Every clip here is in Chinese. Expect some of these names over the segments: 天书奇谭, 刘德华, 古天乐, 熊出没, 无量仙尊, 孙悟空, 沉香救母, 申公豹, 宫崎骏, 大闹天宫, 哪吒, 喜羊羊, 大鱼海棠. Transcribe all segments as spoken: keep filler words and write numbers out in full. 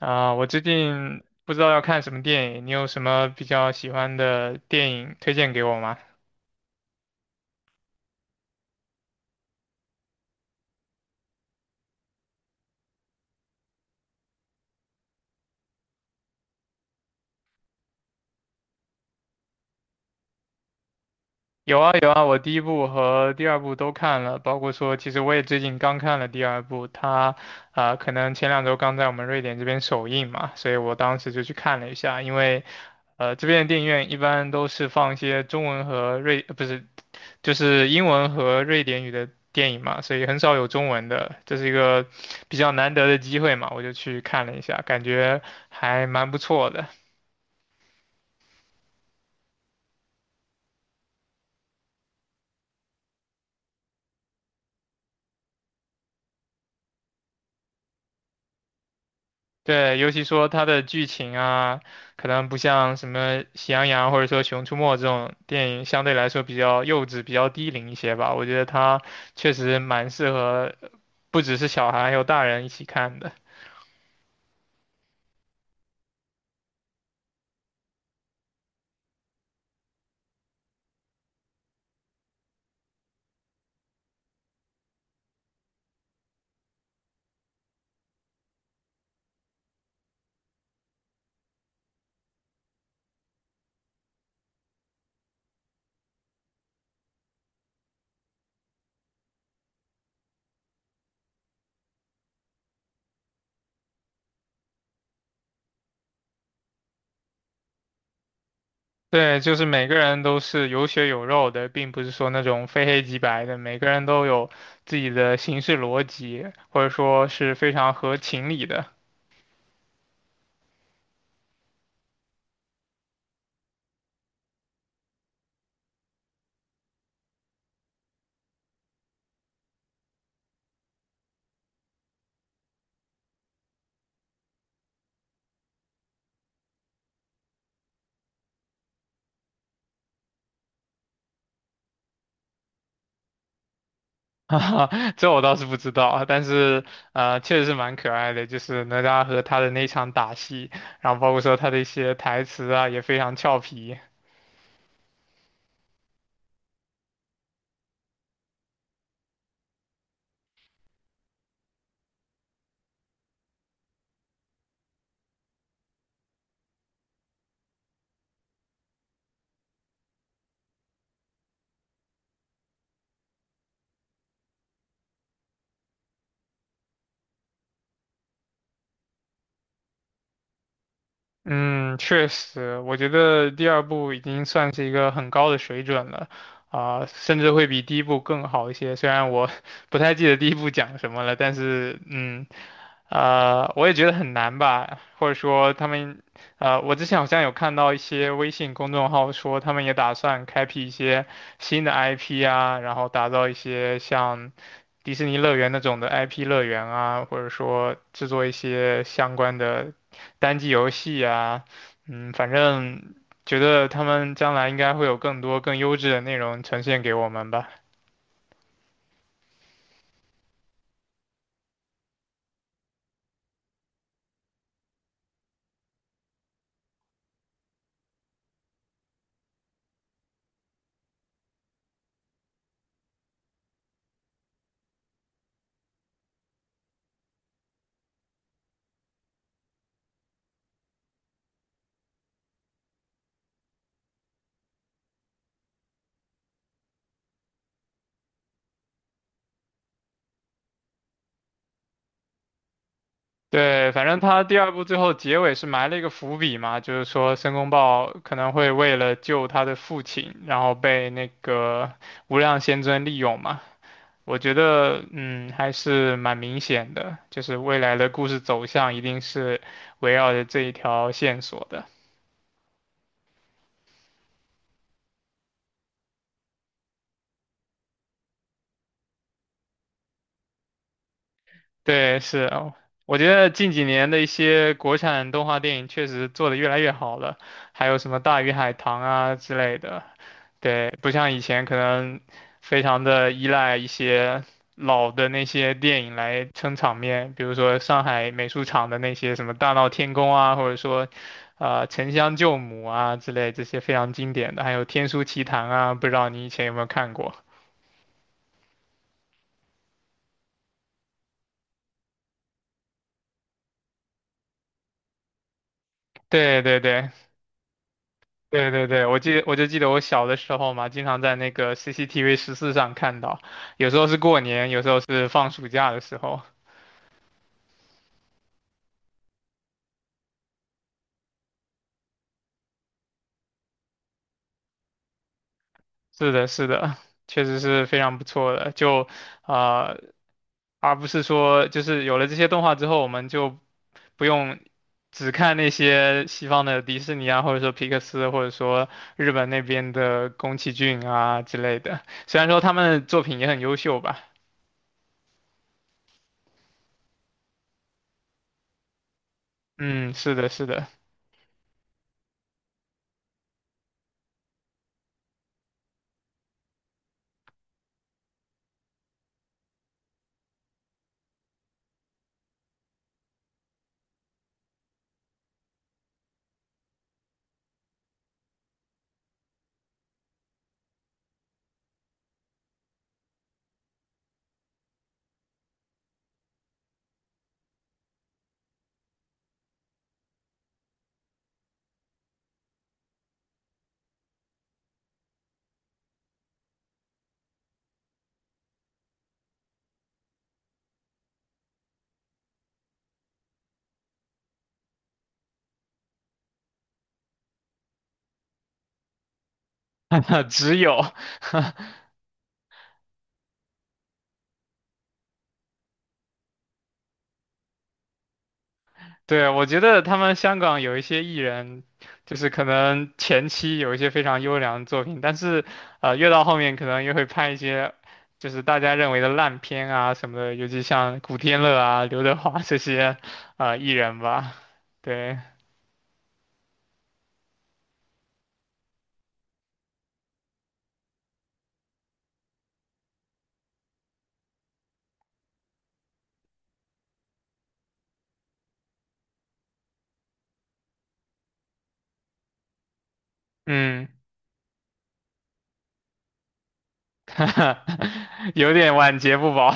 啊，我最近不知道要看什么电影，你有什么比较喜欢的电影推荐给我吗？有啊有啊，我第一部和第二部都看了，包括说，其实我也最近刚看了第二部，它啊、可能前两周刚在我们瑞典这边首映嘛，所以我当时就去看了一下，因为呃这边的电影院一般都是放一些中文和瑞，呃不是就是英文和瑞典语的电影嘛，所以很少有中文的，这是一个比较难得的机会嘛，我就去看了一下，感觉还蛮不错的。对，尤其说它的剧情啊，可能不像什么《喜羊羊》或者说《熊出没》这种电影，相对来说比较幼稚、比较低龄一些吧。我觉得它确实蛮适合，不只是小孩，还有大人一起看的。对，就是每个人都是有血有肉的，并不是说那种非黑即白的，每个人都有自己的行事逻辑，或者说是非常合情理的。哈哈，这我倒是不知道啊，但是呃，确实是蛮可爱的，就是哪吒和他的那场打戏，然后包括说他的一些台词啊，也非常俏皮。嗯，确实，我觉得第二部已经算是一个很高的水准了，啊、甚至会比第一部更好一些。虽然我 不太记得第一部讲什么了，但是嗯，呃，我也觉得很难吧，或者说他们，呃，我之前好像有看到一些微信公众号说他们也打算开辟一些新的 I P 啊，然后打造一些像迪士尼乐园那种的 I P 乐园啊，或者说制作一些相关的。单机游戏啊，嗯，反正觉得他们将来应该会有更多更优质的内容呈现给我们吧。对，反正他第二部最后结尾是埋了一个伏笔嘛，就是说申公豹可能会为了救他的父亲，然后被那个无量仙尊利用嘛。我觉得，嗯，还是蛮明显的，就是未来的故事走向一定是围绕着这一条线索的。对，是啊，我觉得近几年的一些国产动画电影确实做得越来越好了，还有什么《大鱼海棠》啊之类的，对，不像以前可能非常的依赖一些老的那些电影来撑场面，比如说上海美术厂的那些什么《大闹天宫》啊，或者说，呃，《沉香救母》啊之类这些非常经典的，还有《天书奇谭》啊，不知道你以前有没有看过？对对对，对对对，我记得我就记得我小的时候嘛，经常在那个 C C T V 十四上看到，有时候是过年，有时候是放暑假的时候。是的，是的，确实是非常不错的。就呃，而不是说就是有了这些动画之后，我们就不用只看那些西方的迪士尼啊，或者说皮克斯，或者说日本那边的宫崎骏啊之类的。虽然说他们的作品也很优秀吧。嗯，是的，是的，只有 对，我觉得他们香港有一些艺人，就是可能前期有一些非常优良的作品，但是，呃，越到后面可能越会拍一些，就是大家认为的烂片啊什么的，尤其像古天乐啊、刘德华这些，呃，艺人吧。对，嗯，有点晚节不保。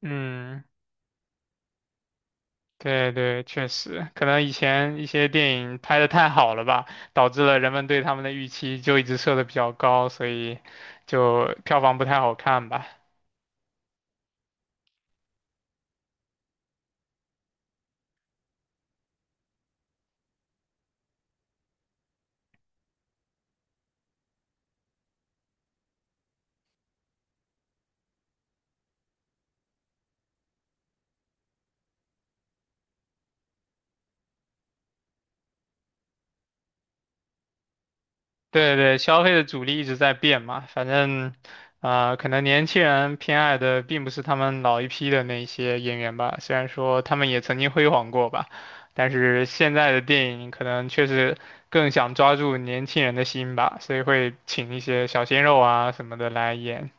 嗯。对对，确实，可能以前一些电影拍的太好了吧，导致了人们对他们的预期就一直设的比较高，所以就票房不太好看吧。对对，消费的主力一直在变嘛，反正，啊、可能年轻人偏爱的并不是他们老一批的那些演员吧，虽然说他们也曾经辉煌过吧，但是现在的电影可能确实更想抓住年轻人的心吧，所以会请一些小鲜肉啊什么的来演。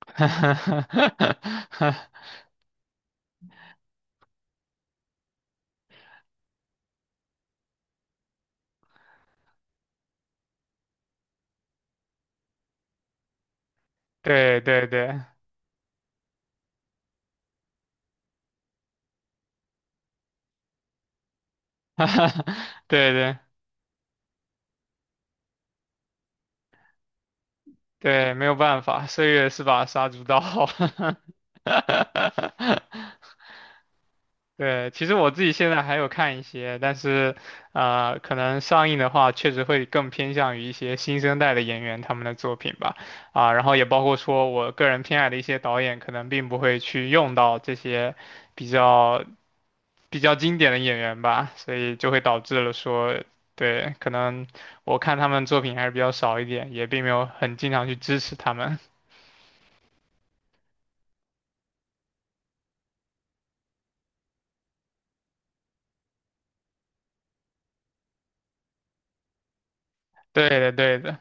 哈哈哈哈哈！对对对，哈哈哈，对对对，没有办法，岁月是把杀猪刀。对，其实我自己现在还有看一些，但是，呃，可能上映的话，确实会更偏向于一些新生代的演员他们的作品吧，啊，然后也包括说我个人偏爱的一些导演，可能并不会去用到这些比较。比较经典的演员吧，所以就会导致了说，对，可能我看他们作品还是比较少一点，也并没有很经常去支持他们。对的，对的，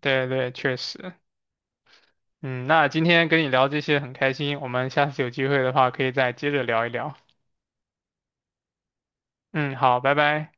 对对，确实。嗯，那今天跟你聊这些很开心，我们下次有机会的话可以再接着聊一聊。嗯，好，拜拜。